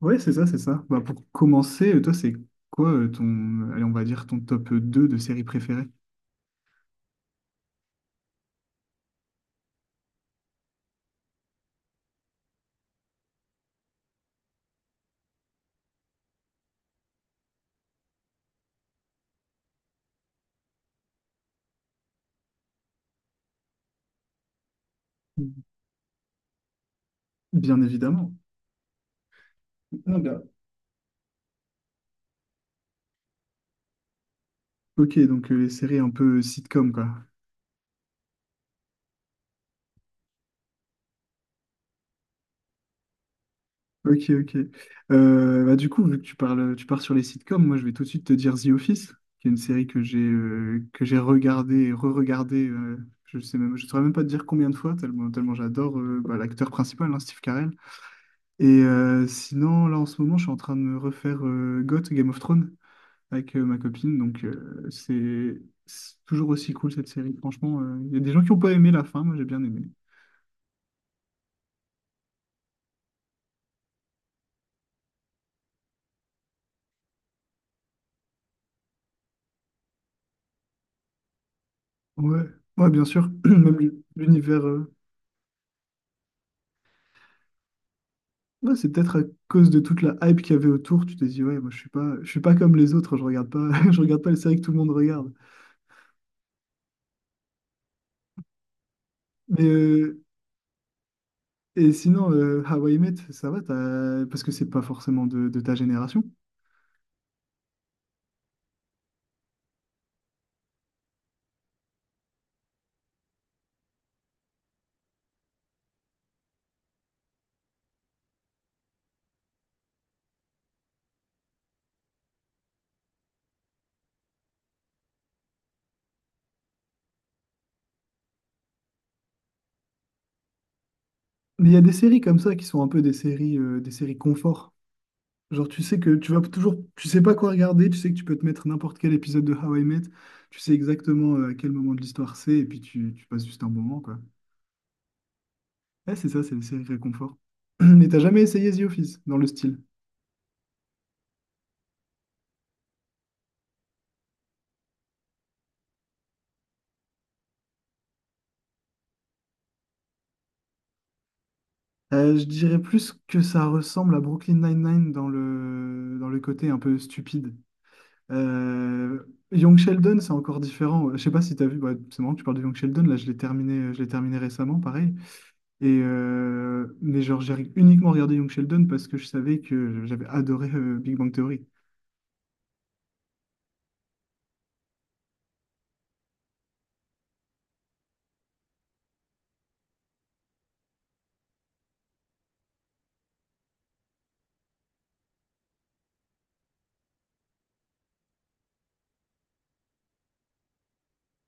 Ouais, c'est ça, c'est ça. Bah, pour commencer, toi, c'est quoi ton, allez, on va dire ton top deux de séries préférées? Bien évidemment. Non, bien. Ok, donc les séries un peu sitcom, quoi. Ok, ok. Du coup, vu que tu parles, tu pars sur les sitcoms, moi je vais tout de suite te dire The Office, qui est une série que j'ai regardée et re-regardée. Je saurais même pas te dire combien de fois, tellement, tellement j'adore bah, l'acteur principal, hein, Steve Carell. Et sinon, là en ce moment, je suis en train de me refaire GOT, Game of Thrones, avec ma copine. Donc c'est toujours aussi cool cette série. Franchement, il y a des gens qui n'ont pas aimé la fin, moi j'ai bien aimé. Ouais, ouais, bien sûr. Même l'univers. Ouais, c'est peut-être à cause de toute la hype qu'il y avait autour, tu t'es dit, ouais, moi je suis pas comme les autres, je regarde pas, je regarde pas les séries que tout le monde regarde. Mais euh, et sinon, How I Met, ça va, parce que c'est pas forcément de ta génération. Mais il y a des séries comme ça qui sont un peu des séries confort. Genre, tu sais pas quoi regarder, tu sais que tu peux te mettre n'importe quel épisode de How I Met, tu sais exactement à quel moment de l'histoire c'est, et puis tu passes juste un bon moment, quoi. Ouais, c'est ça, c'est les séries réconfort. Mais t'as jamais essayé The Office dans le style? Je dirais plus que ça ressemble à Brooklyn Nine-Nine dans dans le côté un peu stupide. Euh, Young Sheldon, c'est encore différent. Je sais pas si tu as vu, bah, c'est marrant que tu parles de Young Sheldon, là je l'ai terminé récemment, pareil. Et, mais genre j'ai uniquement regardé Young Sheldon parce que je savais que j'avais adoré Big Bang Theory.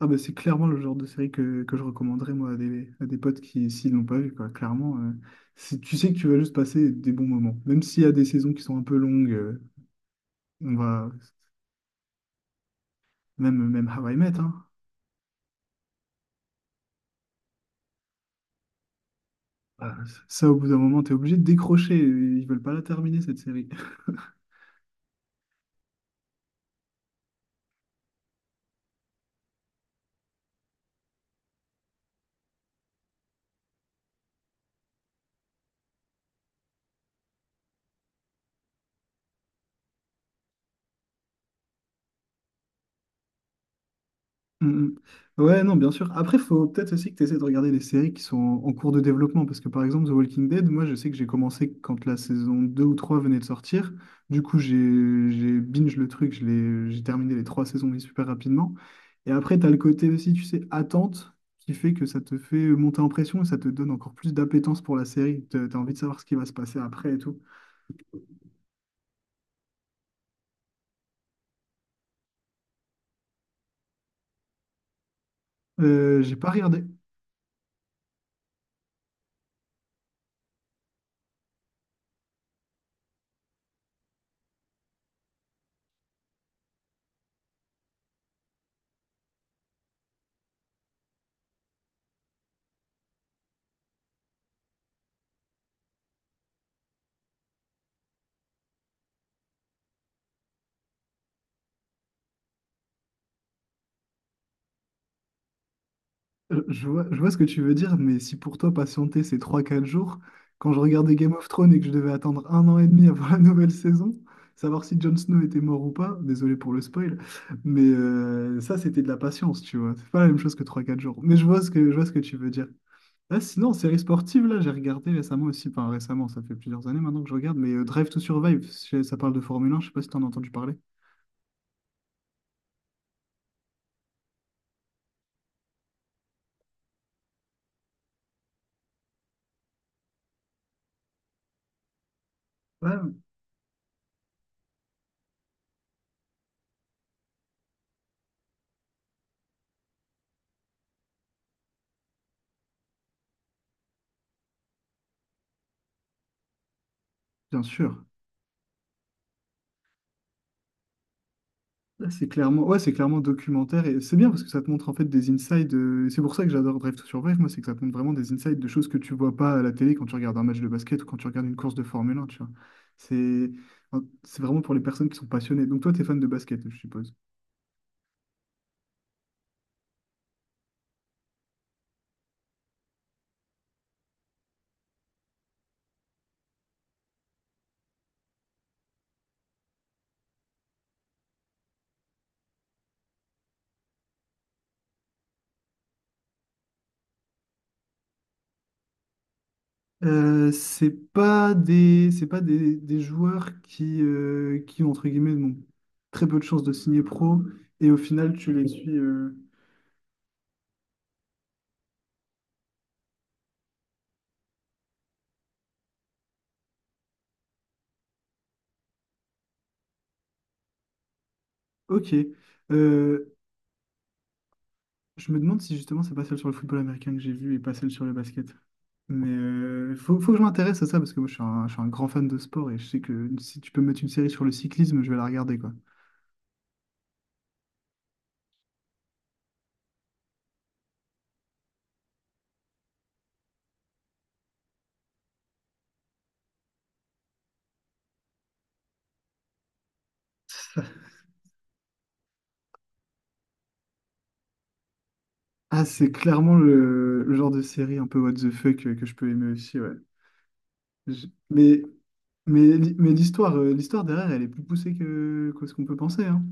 Ah bah c'est clairement le genre de série que je recommanderais moi à des potes qui, s'ils l'ont pas vu, quoi. Clairement, c'est- tu sais que tu vas juste passer des bons moments. Même s'il y a des saisons qui sont un peu longues, on va, même, même How I Met, hein. Ah, ça, au bout d'un moment, t'es obligé de décrocher. Ils veulent pas la terminer, cette série. Mm, mm. Ouais, non, bien sûr. Après, faut peut-être aussi que tu essaies de regarder les séries qui sont en cours de développement. Parce que, par exemple, The Walking Dead, moi, je sais que j'ai commencé quand la saison 2 ou 3 venait de sortir. Du coup, j'ai binge le truc. J'ai terminé les trois saisons, mais super rapidement. Et après, tu as le côté aussi, tu sais, attente, qui fait que ça te fait monter en pression et ça te donne encore plus d'appétence pour la série. Tu as envie de savoir ce qui va se passer après et tout. J'ai pas regardé. Je vois ce que tu veux dire, mais si pour toi patienter c'est trois quatre jours, quand je regardais Game of Thrones et que je devais attendre un an et demi avant la nouvelle saison, savoir si Jon Snow était mort ou pas, désolé pour le spoil, mais ça c'était de la patience, tu vois. C'est pas la même chose que trois quatre jours. Mais je vois ce que, je vois ce que tu veux dire. Ah, sinon, série sportive, là, j'ai regardé récemment aussi, enfin récemment, ça fait plusieurs années maintenant que je regarde mais Drive to Survive ça parle de Formule un, je sais pas si t'en as entendu parler. Ouais, bien sûr. Là, c'est clairement, ouais, c'est clairement documentaire et c'est bien parce que ça te montre en fait des insides. C'est pour ça que j'adore Drive to Survive, moi, c'est que ça te montre vraiment des insides de choses que tu vois pas à la télé quand tu regardes un match de basket ou quand tu regardes une course de Formule 1, tu vois. C'est, c'est vraiment pour les personnes qui sont passionnées. Donc toi, tu es fan de basket, je suppose. C'est pas des, des joueurs qui, entre guillemets, n'ont très peu de chances de signer pro et au final, tu les suis. Ok. Euh, Je me demande si justement c'est pas celle sur le football américain que j'ai vue et pas celle sur le basket. Mais faut que je m'intéresse à ça parce que moi je suis un grand fan de sport et je sais que si tu peux me mettre une série sur le cyclisme, je vais la regarder quoi. Ah, c'est clairement le genre de série un peu what the fuck que je peux aimer aussi, ouais. Je- mais mais l'histoire l'histoire derrière, elle est plus poussée que ce qu'on peut penser, hein.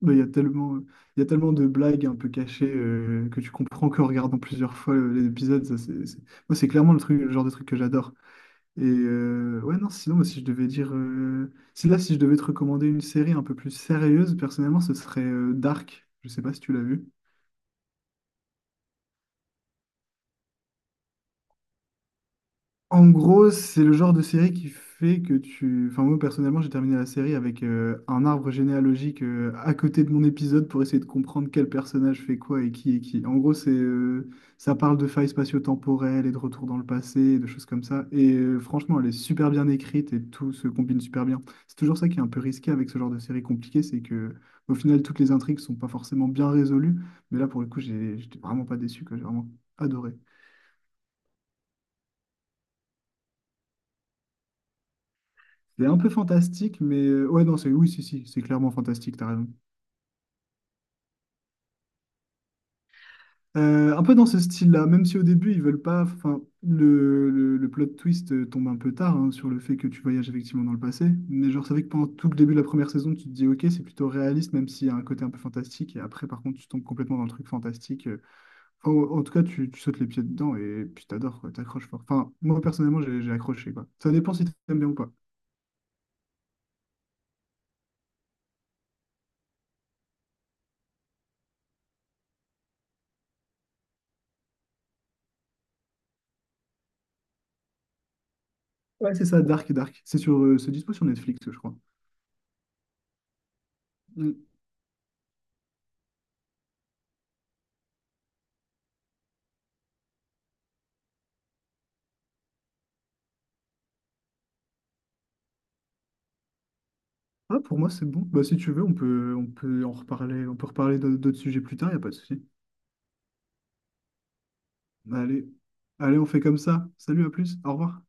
Bah il y a tellement de blagues un peu cachées que tu comprends qu'en regardant plusieurs fois les épisodes, c'est- moi, c'est clairement le truc, le genre de truc que j'adore. Et ouais, non, sinon, moi, si je devais dire. Si là, si je devais te recommander une série un peu plus sérieuse, personnellement, ce serait Dark. Je sais pas si tu l'as vu. En gros, c'est le genre de série qui fait que tu... Enfin, moi, personnellement, j'ai terminé la série avec un arbre généalogique à côté de mon épisode pour essayer de comprendre quel personnage fait quoi et qui est qui. En gros, ça parle de failles spatio-temporelles et de retour dans le passé, et de choses comme ça. Et franchement, elle est super bien écrite et tout se combine super bien. C'est toujours ça qui est un peu risqué avec ce genre de série compliquée, c'est que au final, toutes les intrigues sont pas forcément bien résolues. Mais là, pour le coup, j'étais vraiment pas déçu, quoi. J'ai vraiment adoré. C'est un peu fantastique, mais ouais, non, c'est oui, si, si, c'est clairement fantastique, t'as raison. Un peu dans ce style-là, même si au début ils veulent pas. Enfin, le plot twist tombe un peu tard hein, sur le fait que tu voyages effectivement dans le passé. Mais genre, c'est vrai que pendant tout le début de la première saison, tu te dis, ok, c'est plutôt réaliste, même s'il y a un côté un peu fantastique. Et après, par contre, tu tombes complètement dans le truc fantastique. Enfin, en tout cas, tu sautes les pieds dedans et puis t'adores, quoi, t'accroches fort. Enfin, moi personnellement, j'ai accroché, quoi. Ça dépend si t'aimes bien ou pas. Ouais, c'est ça, Dark et Dark. C'est sur, c'est dispo sur Netflix, je crois. Ah, pour moi, c'est bon. Bah, si tu veux, on peut en reparler, on peut reparler d'autres sujets plus tard, y a pas de souci. Allez, allez, on fait comme ça. Salut, à plus, au revoir.